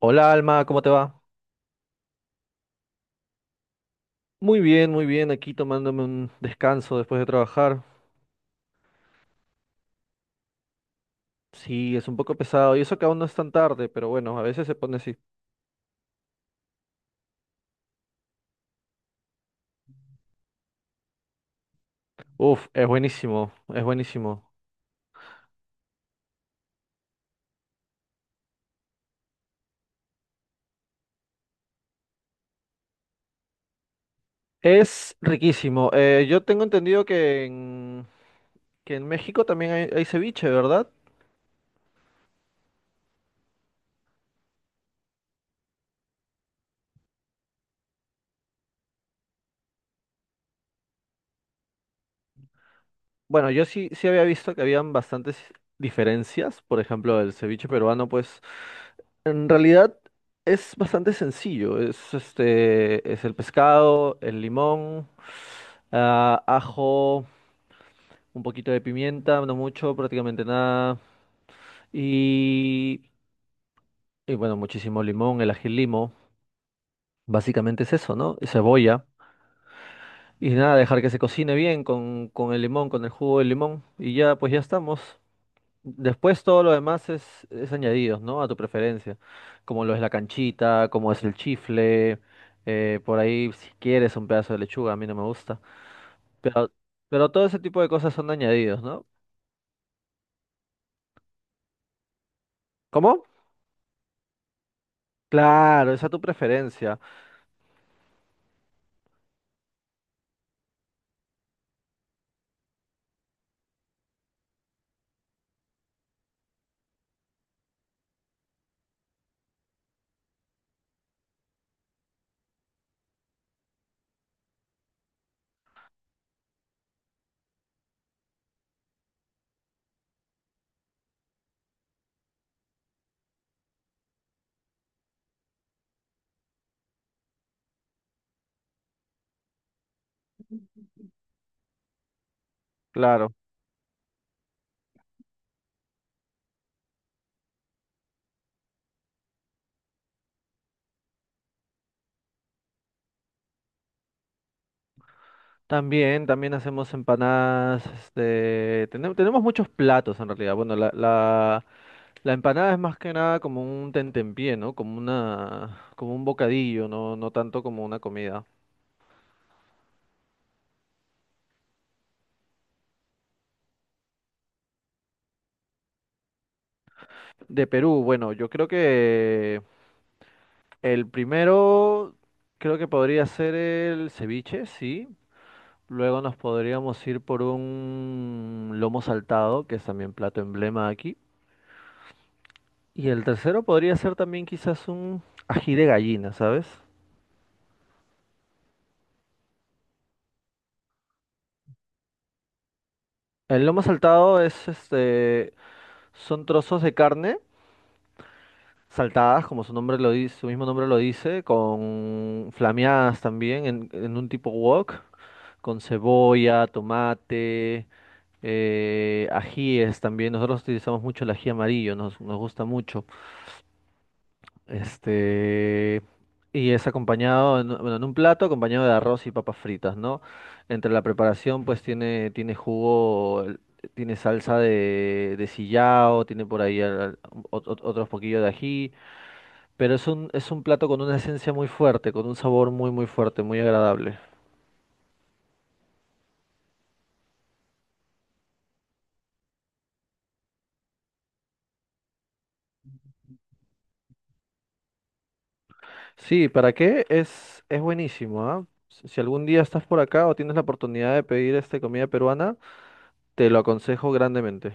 Hola Alma, ¿cómo te va? Muy bien, aquí tomándome un descanso después de trabajar. Sí, es un poco pesado, y eso que aún no es tan tarde, pero bueno, a veces se pone así. Uf, es buenísimo, es buenísimo. Es riquísimo. Yo tengo entendido que en México también hay ceviche, ¿verdad? Bueno, yo sí, sí había visto que habían bastantes diferencias. Por ejemplo, el ceviche peruano, pues en realidad es bastante sencillo. Es este, es el pescado, el limón, ah, ajo, un poquito de pimienta, no mucho, prácticamente nada. Y, y bueno, muchísimo limón, el ají limo. Básicamente es eso, ¿no? Y cebolla. Y nada, dejar que se cocine bien con el limón, con el jugo del limón. Y ya, pues ya estamos. Después todo lo demás es añadidos, ¿no? A tu preferencia. Como lo es la canchita, como es el chifle, por ahí si quieres un pedazo de lechuga, a mí no me gusta. Pero, pero todo ese tipo de cosas son añadidos, ¿no? ¿Cómo? Claro, es a tu preferencia, claro. También, también hacemos empanadas, este, tenemos, tenemos muchos platos en realidad. Bueno, la empanada es más que nada como un tentempié, ¿no? Como una, como un bocadillo, no, no tanto como una comida. De Perú, bueno, yo creo que el primero, creo que podría ser el ceviche, sí. Luego nos podríamos ir por un lomo saltado, que es también plato emblema aquí. Y el tercero podría ser también quizás un ají de gallina, ¿sabes? El lomo saltado es este, son trozos de carne saltadas, como su nombre lo dice, su mismo nombre lo dice, con flameadas también en un tipo wok, con cebolla, tomate. Ajíes también, nosotros utilizamos mucho el ají amarillo, nos, nos gusta mucho. Este, y es acompañado, en, bueno, en un plato acompañado de arroz y papas fritas, ¿no? Entre la preparación, pues tiene, tiene jugo, tiene salsa de sillao, tiene por ahí otros poquillos de ají, pero es un plato con una esencia muy fuerte, con un sabor muy, muy fuerte, muy agradable. Sí, ¿para qué? Es buenísimo, ¿ah? Si si algún día estás por acá o tienes la oportunidad de pedir este comida peruana, te lo aconsejo grandemente.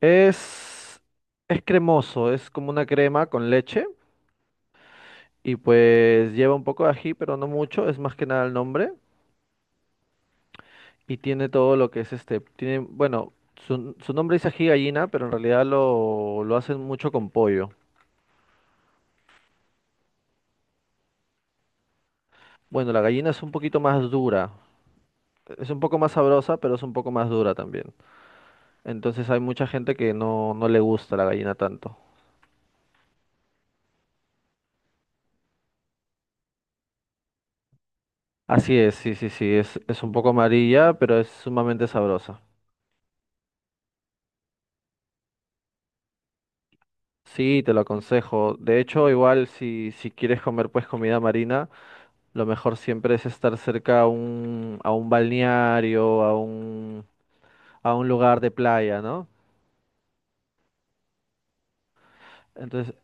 Es, es cremoso, es como una crema con leche y pues lleva un poco de ají, pero no mucho, es más que nada el nombre y tiene todo lo que es este, tiene, bueno, su nombre es ají gallina, pero en realidad lo hacen mucho con pollo. Bueno, la gallina es un poquito más dura, es un poco más sabrosa, pero es un poco más dura también. Entonces hay mucha gente que no, no le gusta la gallina tanto. Así es, sí, sí, sí, es un poco amarilla, pero es sumamente sabrosa. Sí, te lo aconsejo. De hecho, igual si, si quieres comer pues comida marina, lo mejor siempre es estar cerca a un balneario, a un lugar de playa, ¿no? Entonces,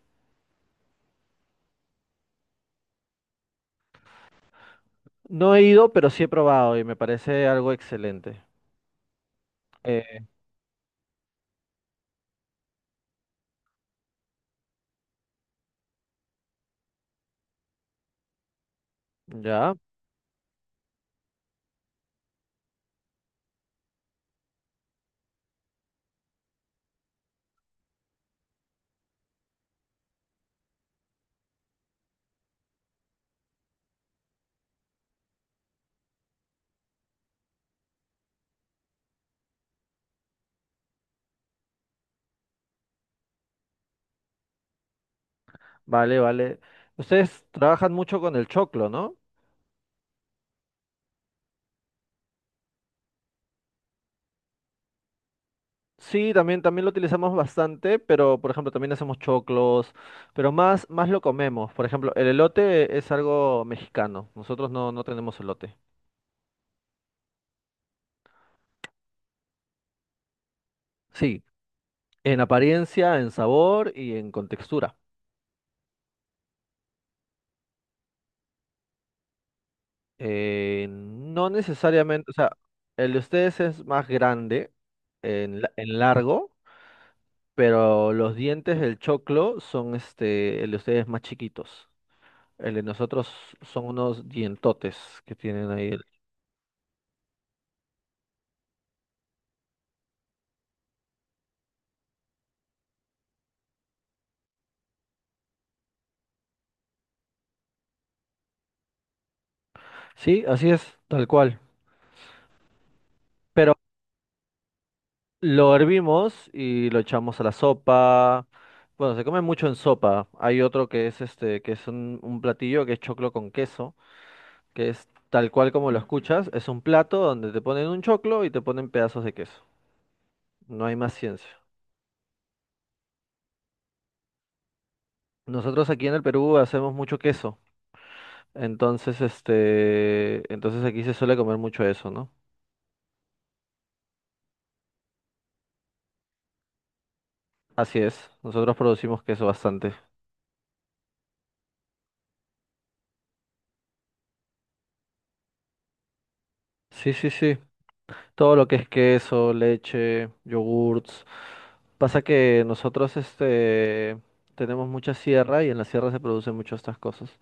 no he ido, pero sí he probado y me parece algo excelente. Eh, ya, vale, vale. Ustedes trabajan mucho con el choclo, ¿no? Sí, también, también lo utilizamos bastante, pero por ejemplo también hacemos choclos, pero más, más lo comemos. Por ejemplo, el elote es algo mexicano. Nosotros no, no tenemos elote. Sí, en apariencia, en sabor y en contextura. No necesariamente, o sea, el de ustedes es más grande en, en largo, pero los dientes del choclo son este, el de ustedes más chiquitos. El de nosotros son unos dientotes que tienen ahí. Sí, así es, tal cual. Pero lo hervimos y lo echamos a la sopa. Bueno, se come mucho en sopa. Hay otro que es este, que es un platillo que es choclo con queso, que es tal cual como lo escuchas, es un plato donde te ponen un choclo y te ponen pedazos de queso. No hay más ciencia. Nosotros aquí en el Perú hacemos mucho queso. Entonces, este, entonces aquí se suele comer mucho eso, ¿no? Así es. Nosotros producimos queso bastante. Sí, sí, sí. Todo lo que es queso, leche, yogurts. Pasa que nosotros este tenemos mucha sierra y en la sierra se producen muchas estas cosas.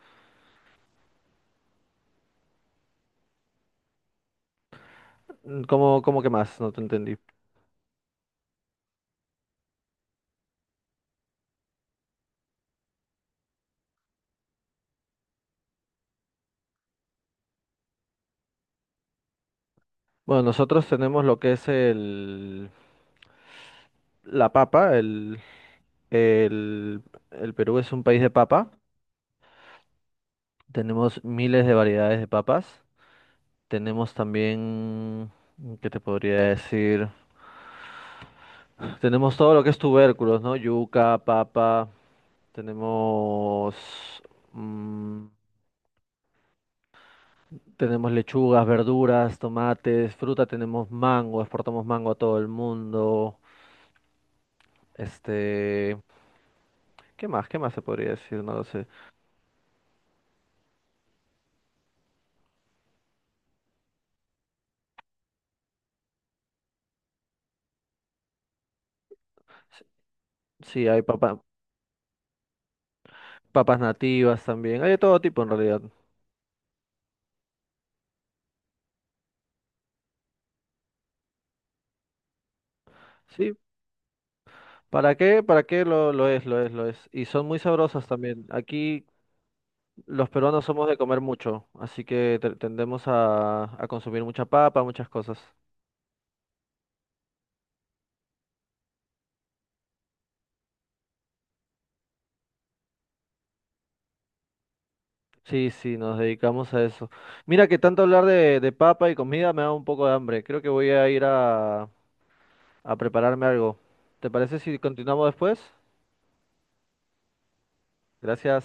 Mm, ¿cómo, cómo que más? No te entendí. Bueno, nosotros tenemos lo que es el la papa, el, el Perú es un país de papa. Tenemos miles de variedades de papas. Tenemos también, ¿qué te podría decir? Tenemos todo lo que es tubérculos, ¿no? Yuca, papa. Tenemos, mm, tenemos lechugas, verduras, tomates, fruta, tenemos mango, exportamos mango a todo el mundo. Este, ¿qué más? ¿Qué más se podría decir? No lo sé. S- Sí, hay papas nativas también. Hay de todo tipo en realidad. Sí. ¿Para qué? ¿Para qué lo es? Lo es, lo es. Y son muy sabrosas también. Aquí los peruanos somos de comer mucho, así que tendemos a consumir mucha papa, muchas cosas. Sí, sí, nos dedicamos a eso. Mira que tanto hablar de papa y comida me da un poco de hambre. Creo que voy a ir a prepararme algo. ¿Te parece si continuamos después? Gracias.